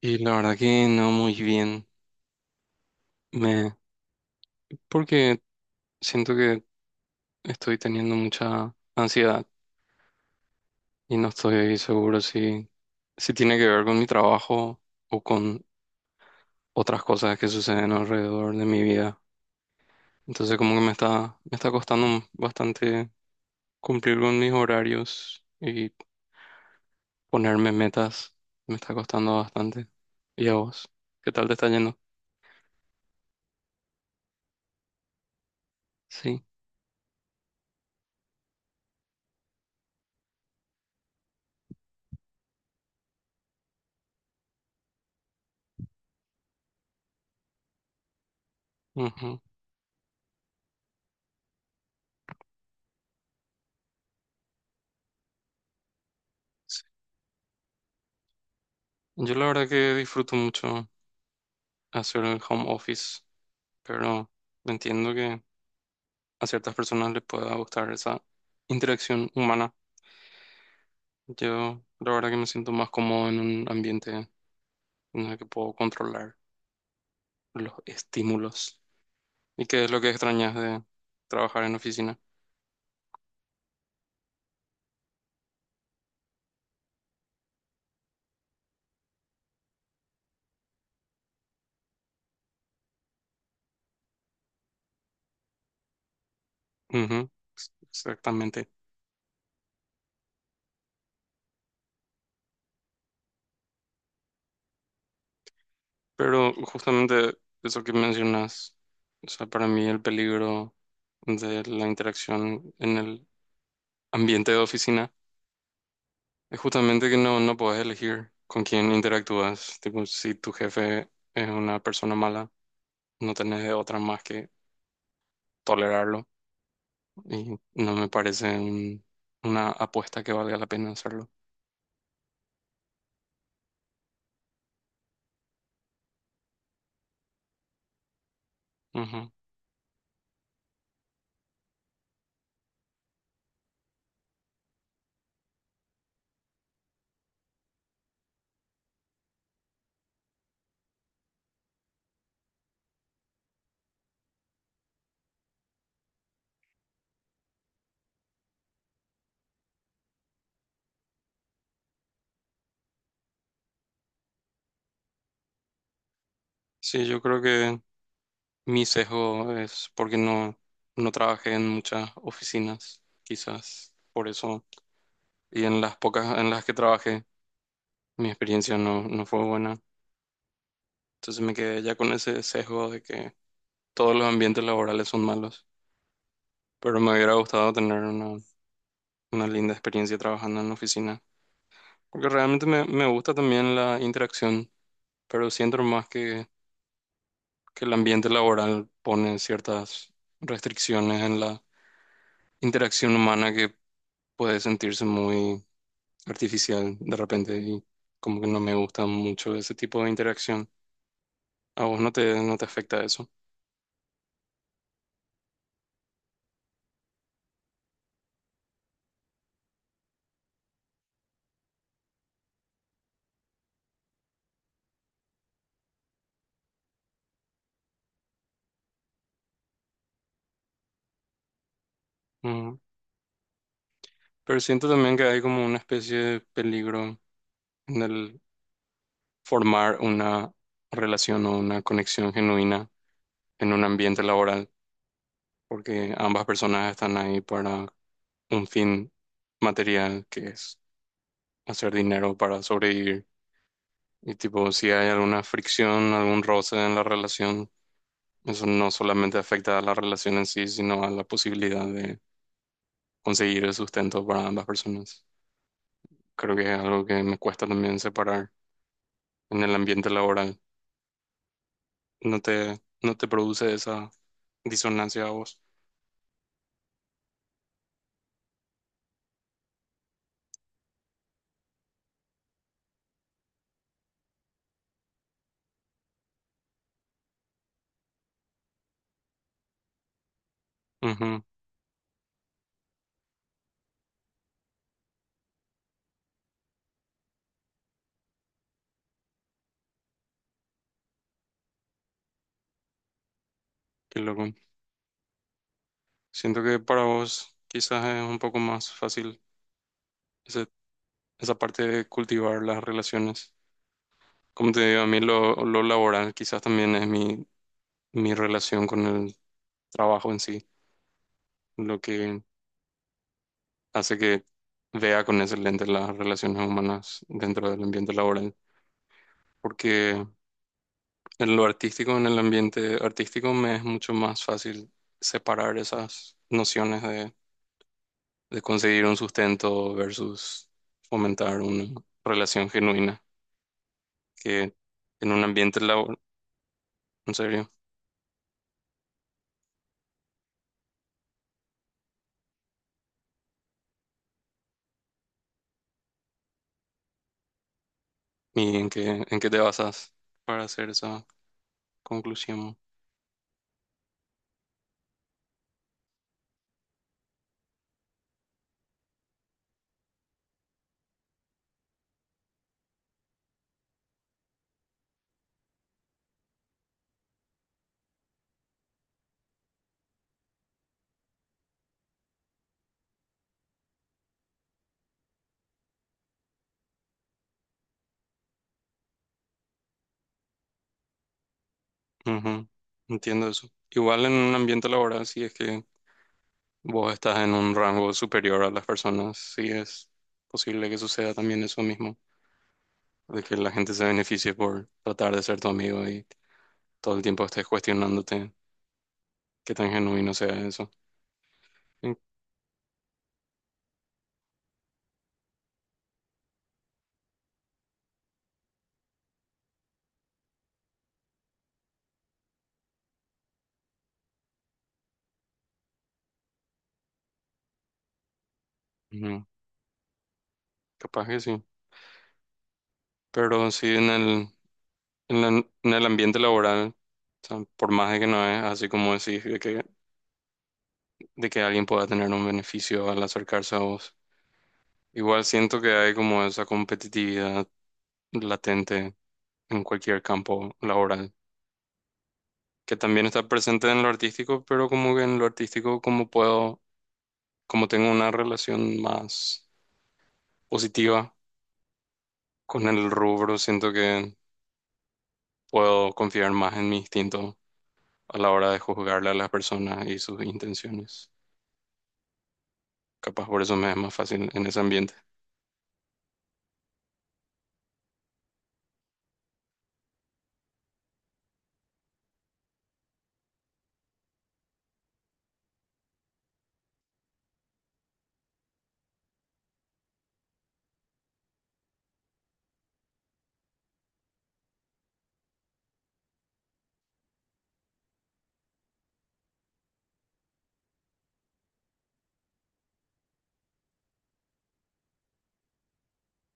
Y la verdad que no muy bien. Me, Porque siento que estoy teniendo mucha ansiedad y no estoy seguro si tiene que ver con mi trabajo o con otras cosas que suceden alrededor de mi vida. Entonces como que me está costando bastante cumplir con mis horarios y ponerme metas. Me está costando bastante. ¿Y a vos? ¿Qué tal te está yendo? Sí. Ujú. Yo la verdad que disfruto mucho hacer el home office. Pero no, entiendo que a ciertas personas les pueda gustar esa interacción humana. Yo la verdad que me siento más cómodo en un ambiente en el que puedo controlar los estímulos. ¿Y qué es lo que extrañas de trabajar en oficina? Ujú, exactamente. Pero justamente eso que mencionas, o sea, para mí el peligro de la interacción en el ambiente de oficina es justamente que no podés elegir con quién interactúas. Tipo, si tu jefe es una persona mala, no tenés de otra más que tolerarlo. Y no me parece una apuesta que valga la pena hacerlo. Ujú. Sí, yo creo que mi sesgo es porque no trabajé en muchas oficinas, quizás por eso. Y en las pocas en las que trabajé, mi experiencia no fue buena. Entonces me quedé ya con ese sesgo de que todos los ambientes laborales son malos. Pero me hubiera gustado tener una linda experiencia trabajando en la oficina. Porque realmente me gusta también la interacción, pero siento más que el ambiente laboral pone ciertas restricciones en la interacción humana que puede sentirse muy artificial de repente y como que no me gusta mucho ese tipo de interacción. A vos no te afecta eso. Ujú. Pero siento también que hay como una especie de peligro en el formar una relación o una conexión genuina en un ambiente laboral, porque ambas personas están ahí para un fin material, que es hacer dinero para sobrevivir. Y tipo, si hay alguna fricción, algún roce en la relación, eso no solamente afecta a la relación en sí, sino a la posibilidad de conseguir el sustento para ambas personas. Creo que es algo que me cuesta también separar en el ambiente laboral. No te produce esa disonancia a vos. Ujú, qué loco. Siento que para vos quizás es un poco más fácil ese- esa parte de cultivar las relaciones. Como te digo, a mí lo laboral quizás también es mi relación con el trabajo en sí, lo que hace que vea con ese lente las relaciones humanas dentro del ambiente laboral. Porque en lo artístico, en el ambiente artístico, me es mucho más fácil separar esas nociones de conseguir un sustento versus fomentar una relación genuina que en un ambiente laboral. En serio. ¿Y en qué te basas para hacer esa conclusión? Ujú, entiendo eso. Igual en un ambiente laboral, si es que vos estás en un rango superior a las personas, sí es posible que suceda también eso mismo, de que la gente se beneficie por tratar de ser tu amigo y todo el tiempo estés cuestionándote qué tan genuino sea eso. Sí, ujú, capaz que sí. Pero sí en la- en el ambiente laboral, o sea, por más de que no es así como decís, de que alguien pueda tener un beneficio al acercarse a vos. Igual siento que hay como esa competitividad latente en cualquier campo laboral, que también está presente en lo artístico, pero como que en lo artístico como tengo una relación más positiva con el rubro, siento que puedo confiar más en mi instinto a la hora de juzgarle a las personas y sus intenciones. Capaz por eso me es más fácil en ese ambiente.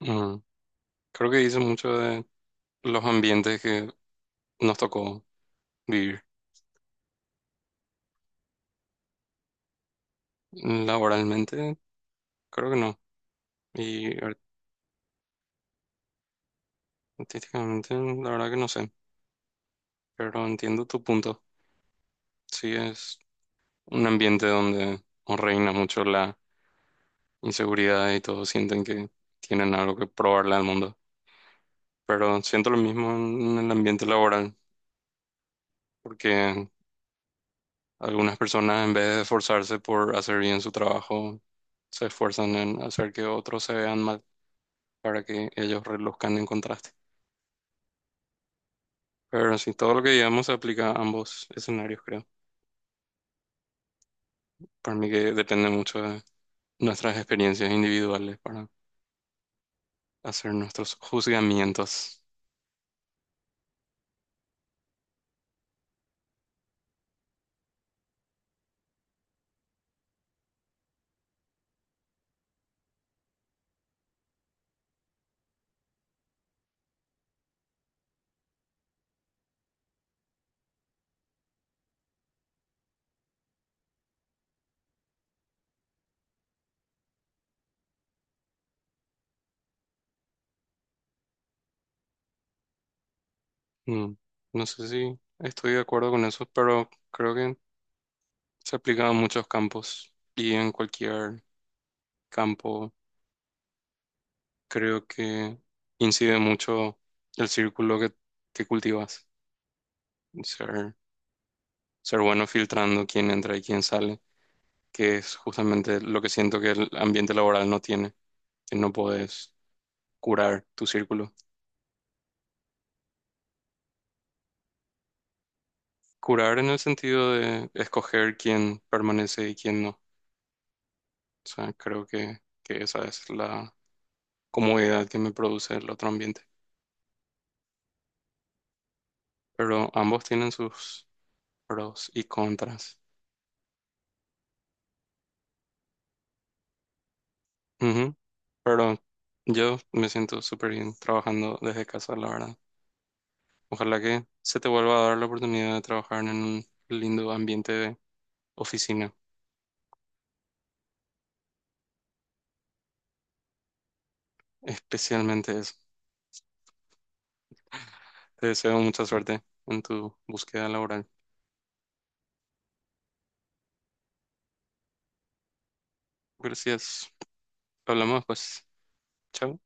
Ujú. Creo que dice mucho de los ambientes que nos tocó vivir. Laboralmente, creo que no. Y artísticamente, la verdad que no sé. Pero entiendo tu punto. Sí, es un ambiente donde no reina mucho la inseguridad y todos sienten que tienen algo que probarle al mundo. Pero siento lo mismo en el ambiente laboral, porque algunas personas en vez de esforzarse por hacer bien su trabajo, se esfuerzan en hacer que otros se vean mal para que ellos reluzcan en contraste. Pero sí, todo lo que digamos se aplica a ambos escenarios, creo. Para mí que depende mucho de nuestras experiencias individuales para hacer nuestros juzgamientos. Mm. No sé si estoy de acuerdo con eso, pero creo que se aplica a muchos campos y en cualquier campo creo que incide mucho el círculo que cultivas. Ser, ser bueno filtrando quién entra y quién sale, que es justamente lo que siento que el ambiente laboral no tiene, que no puedes curar tu círculo. Curar en el sentido de escoger quién permanece y quién no. O sea, creo que esa es la comodidad que me produce el otro ambiente. Pero ambos tienen sus pros y contras. Ujú. Pero yo me siento súper bien trabajando desde casa, la verdad. Ojalá que se te vuelva a dar la oportunidad de trabajar en un lindo ambiente de oficina, especialmente eso. Te deseo mucha suerte en tu búsqueda laboral. Gracias. Hablamos, pues. Chao.